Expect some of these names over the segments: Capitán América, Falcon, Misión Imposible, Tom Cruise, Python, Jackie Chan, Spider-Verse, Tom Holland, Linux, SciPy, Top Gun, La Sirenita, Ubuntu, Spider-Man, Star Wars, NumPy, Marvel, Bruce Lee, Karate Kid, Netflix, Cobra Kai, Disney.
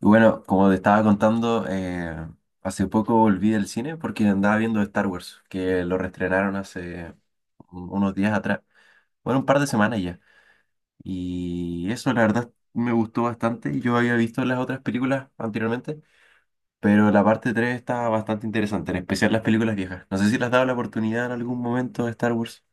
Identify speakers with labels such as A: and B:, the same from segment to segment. A: Y bueno, como te estaba contando, hace poco volví del cine porque andaba viendo Star Wars, que lo reestrenaron hace unos días atrás, bueno, un par de semanas ya. Y eso la verdad me gustó bastante. Yo había visto las otras películas anteriormente, pero la parte 3 está bastante interesante, en especial las películas viejas. No sé si las has dado la oportunidad en algún momento de Star Wars.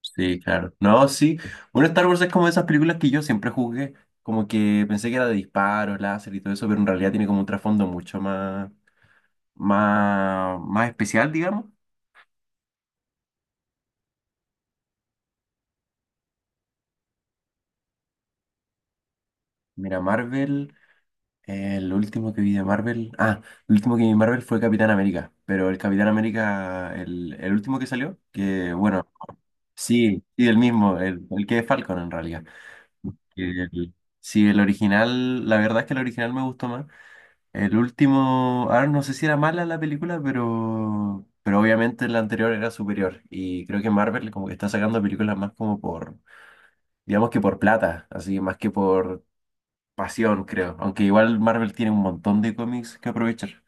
A: Sí, claro. No, sí. Bueno, Star Wars es como esas películas que yo siempre juzgué, como que pensé que era de disparos, láser y todo eso, pero en realidad tiene como un trasfondo mucho más, más, más especial, digamos. Mira, Marvel, lo último que vi de Marvel, el último que vi de Marvel fue Capitán América, pero el Capitán América, el último que salió, que bueno, sí, sí, el mismo, el que es Falcon en realidad. El- sí, el original, la verdad es que el original me gustó más. El último, ahora no sé si era mala la película, pero obviamente la anterior era superior. Y creo que Marvel como que está sacando películas más como por, digamos que por plata, así más que por pasión, creo. Aunque igual Marvel tiene un montón de cómics que aprovechar.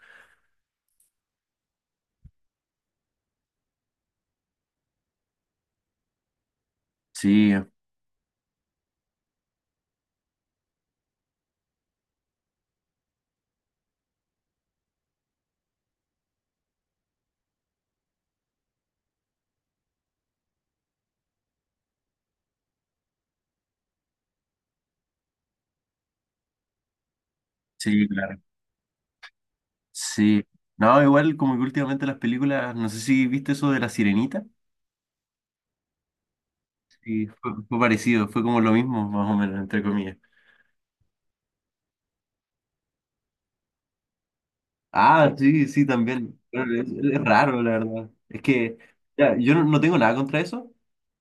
A: Sí, sí, claro. Sí. No, igual como que últimamente las películas, no sé si viste eso de La Sirenita. Sí, fue, fue parecido, fue como lo mismo, más o menos, entre comillas. Ah, sí, sí, también. Pero es raro, la verdad. Es que ya, yo no, no tengo nada contra eso,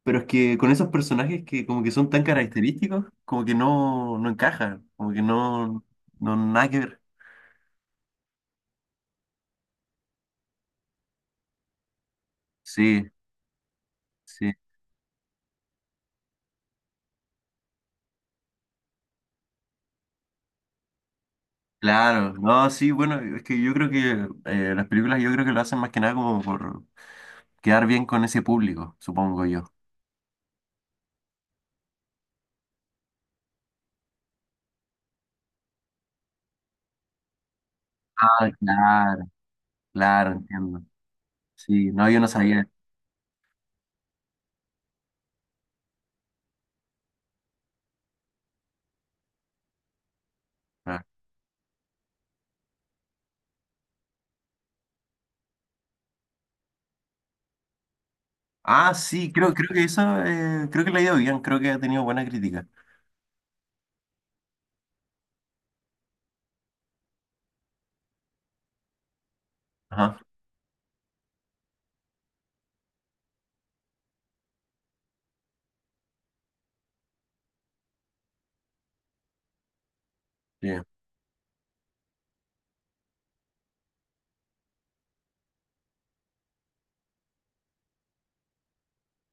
A: pero es que con esos personajes que como que son tan característicos, como que no, no encajan, como que no, no, nada que ver. Sí, sí, claro. No, sí, bueno, es que yo creo que las películas yo creo que lo hacen más que nada como por quedar bien con ese público, supongo yo. Ah, claro, claro, entiendo. Sí, no, yo no sabía. Ah, sí, creo, creo que esa, creo que le ha ido bien, creo que ha tenido buena crítica. Ajá, bien.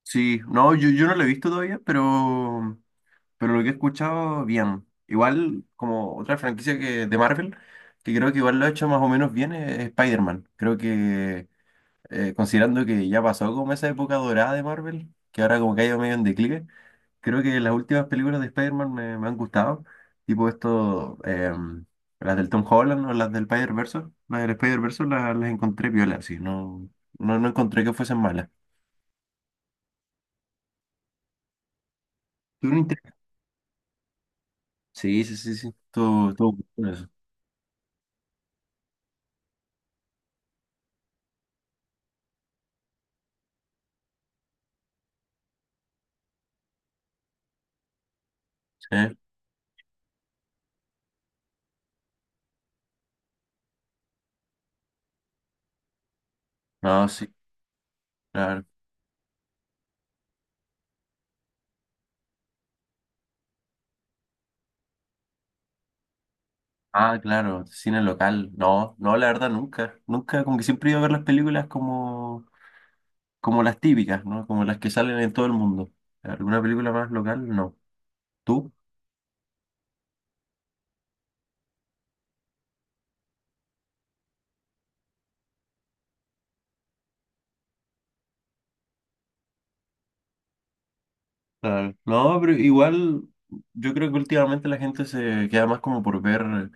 A: Sí, no, yo no lo he visto todavía, pero lo que he escuchado, bien. Igual, como otra franquicia que, de Marvel, que creo que igual lo ha hecho más o menos bien, es Spider-Man. Creo que, considerando que ya pasó como esa época dorada de Marvel, que ahora como que ha ido medio en declive, creo que las últimas películas de Spider-Man me, me han gustado, tipo esto, las del Tom Holland o las del Spider-Verse, las del Spider-Verse las encontré violas, sí, no, no, no encontré que fuesen malas. Tuvieron inter- Sí, sí, sí, sí, todo, todo eso, sí, no, sí, claro. Ah, claro, cine local, no, no, la verdad nunca, nunca, como que siempre iba a ver las películas como, como las típicas, ¿no? Como las que salen en todo el mundo. ¿Alguna película más local? No. ¿Tú? Claro. No, pero igual yo creo que últimamente la gente se queda más como por ver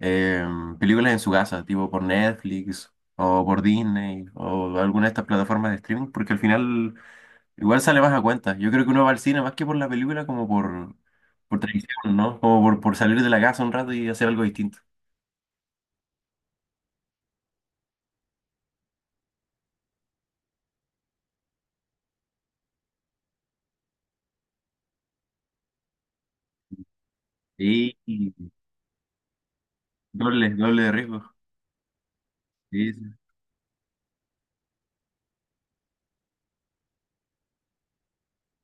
A: eh, películas en su casa, tipo por Netflix o por Disney o alguna de estas plataformas de streaming, porque al final igual sale más a cuenta. Yo creo que uno va al cine más que por la película, como por tradición, ¿no? Como por salir de la casa un rato y hacer algo distinto. Sí, y doble, doble de riesgo. Sí, sí,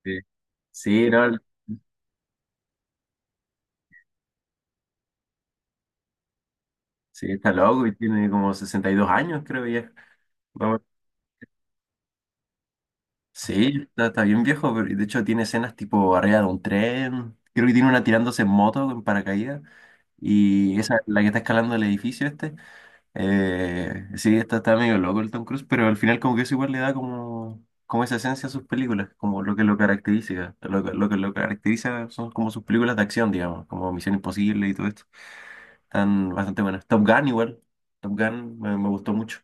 A: sí. Sí, no, sí, está loco y tiene como 62 años, creo ya. Sí, está, está bien viejo, pero de hecho tiene escenas tipo arriba de un tren. Creo que tiene una tirándose en moto, en paracaídas. Y esa, la que está escalando el edificio este. Sí, está, está medio loco el Tom Cruise, pero al final como que eso igual le da como, como esa esencia a sus películas, como lo que lo caracteriza. Lo, lo que lo caracteriza son como sus películas de acción, digamos, como Misión Imposible y todo esto. Están bastante buenas. Top Gun igual. Top Gun me, me gustó mucho.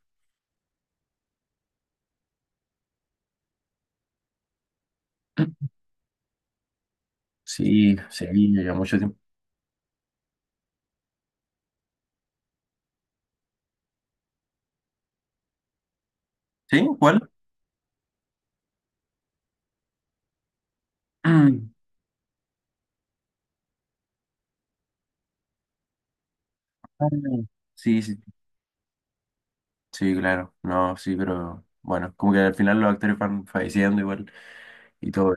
A: Sí, sí, ya mucho tiempo. ¿Sí? ¿Cuál? Ah, sí, sí, sí, claro. No, sí, pero bueno, como que al final los actores van falleciendo igual y todo.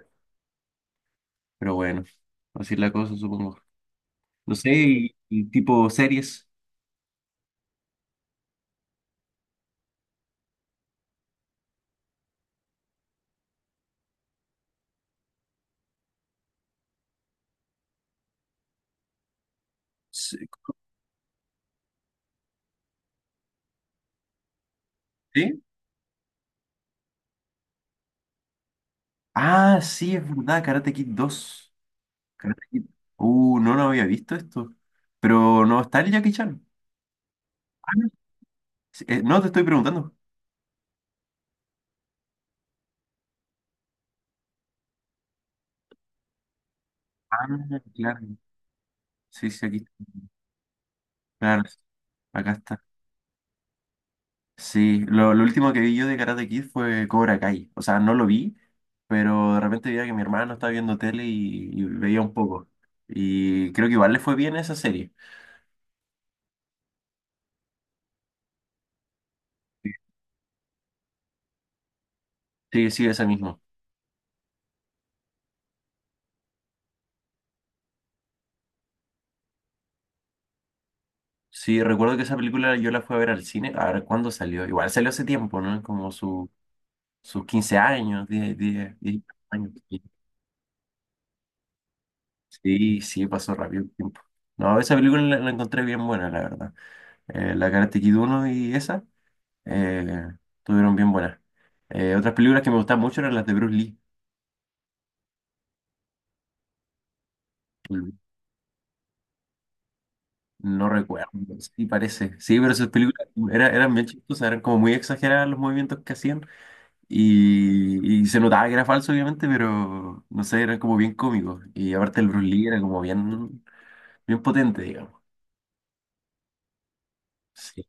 A: Pero bueno, así es la cosa, supongo. No sé, y tipo series. Sí. ¿Sí? Ah, sí, es verdad, Karate Kid dos. Karate Kid. No, no había visto esto. Pero no está el Jackie Chan. Ah, sí, no, te estoy preguntando. Ah, claro. Sí, sí, aquí está. Claro, acá está. Sí, lo último que vi yo de Karate Kid fue Cobra Kai. O sea, no lo vi, pero de repente veía que mi hermano estaba viendo tele y veía un poco. Y creo que igual le fue bien esa serie. Sí, sí, esa misma. Sí, recuerdo que esa película yo la fui a ver al cine. A ver, ¿cuándo salió? Igual salió hace tiempo, ¿no? Como sus 15 años, diez 10 años. Sí, sí, pasó rápido el tiempo. No, esa película la, la encontré bien buena, la verdad. La Karate Kid uno y esa. Eh, estuvieron bien buenas. Otras películas que me gustaban mucho eran las de Bruce Lee. No recuerdo, sí parece. Sí, pero esas películas eran bien chistosas, eran como muy exageradas los movimientos que hacían y se notaba que era falso, obviamente, pero no sé, eran como bien cómicos. Y aparte el Bruce Lee era como bien, bien potente, digamos. Sí,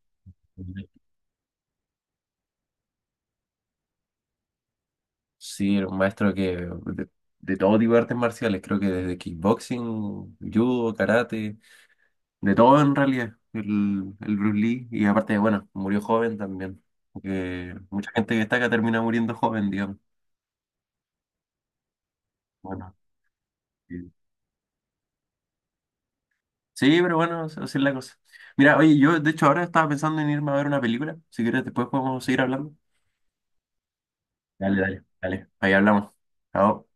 A: sí, era un maestro que de todo tipo de artes marciales, creo que desde kickboxing, judo, karate. De todo en realidad, el Bruce Lee, y aparte, bueno, murió joven también, porque mucha gente que destaca termina muriendo joven, digamos. Bueno, sí, sí, pero bueno, así es la cosa. Mira, oye, yo de hecho ahora estaba pensando en irme a ver una película, si quieres después podemos seguir hablando. Dale, dale, dale, ahí hablamos. Chao.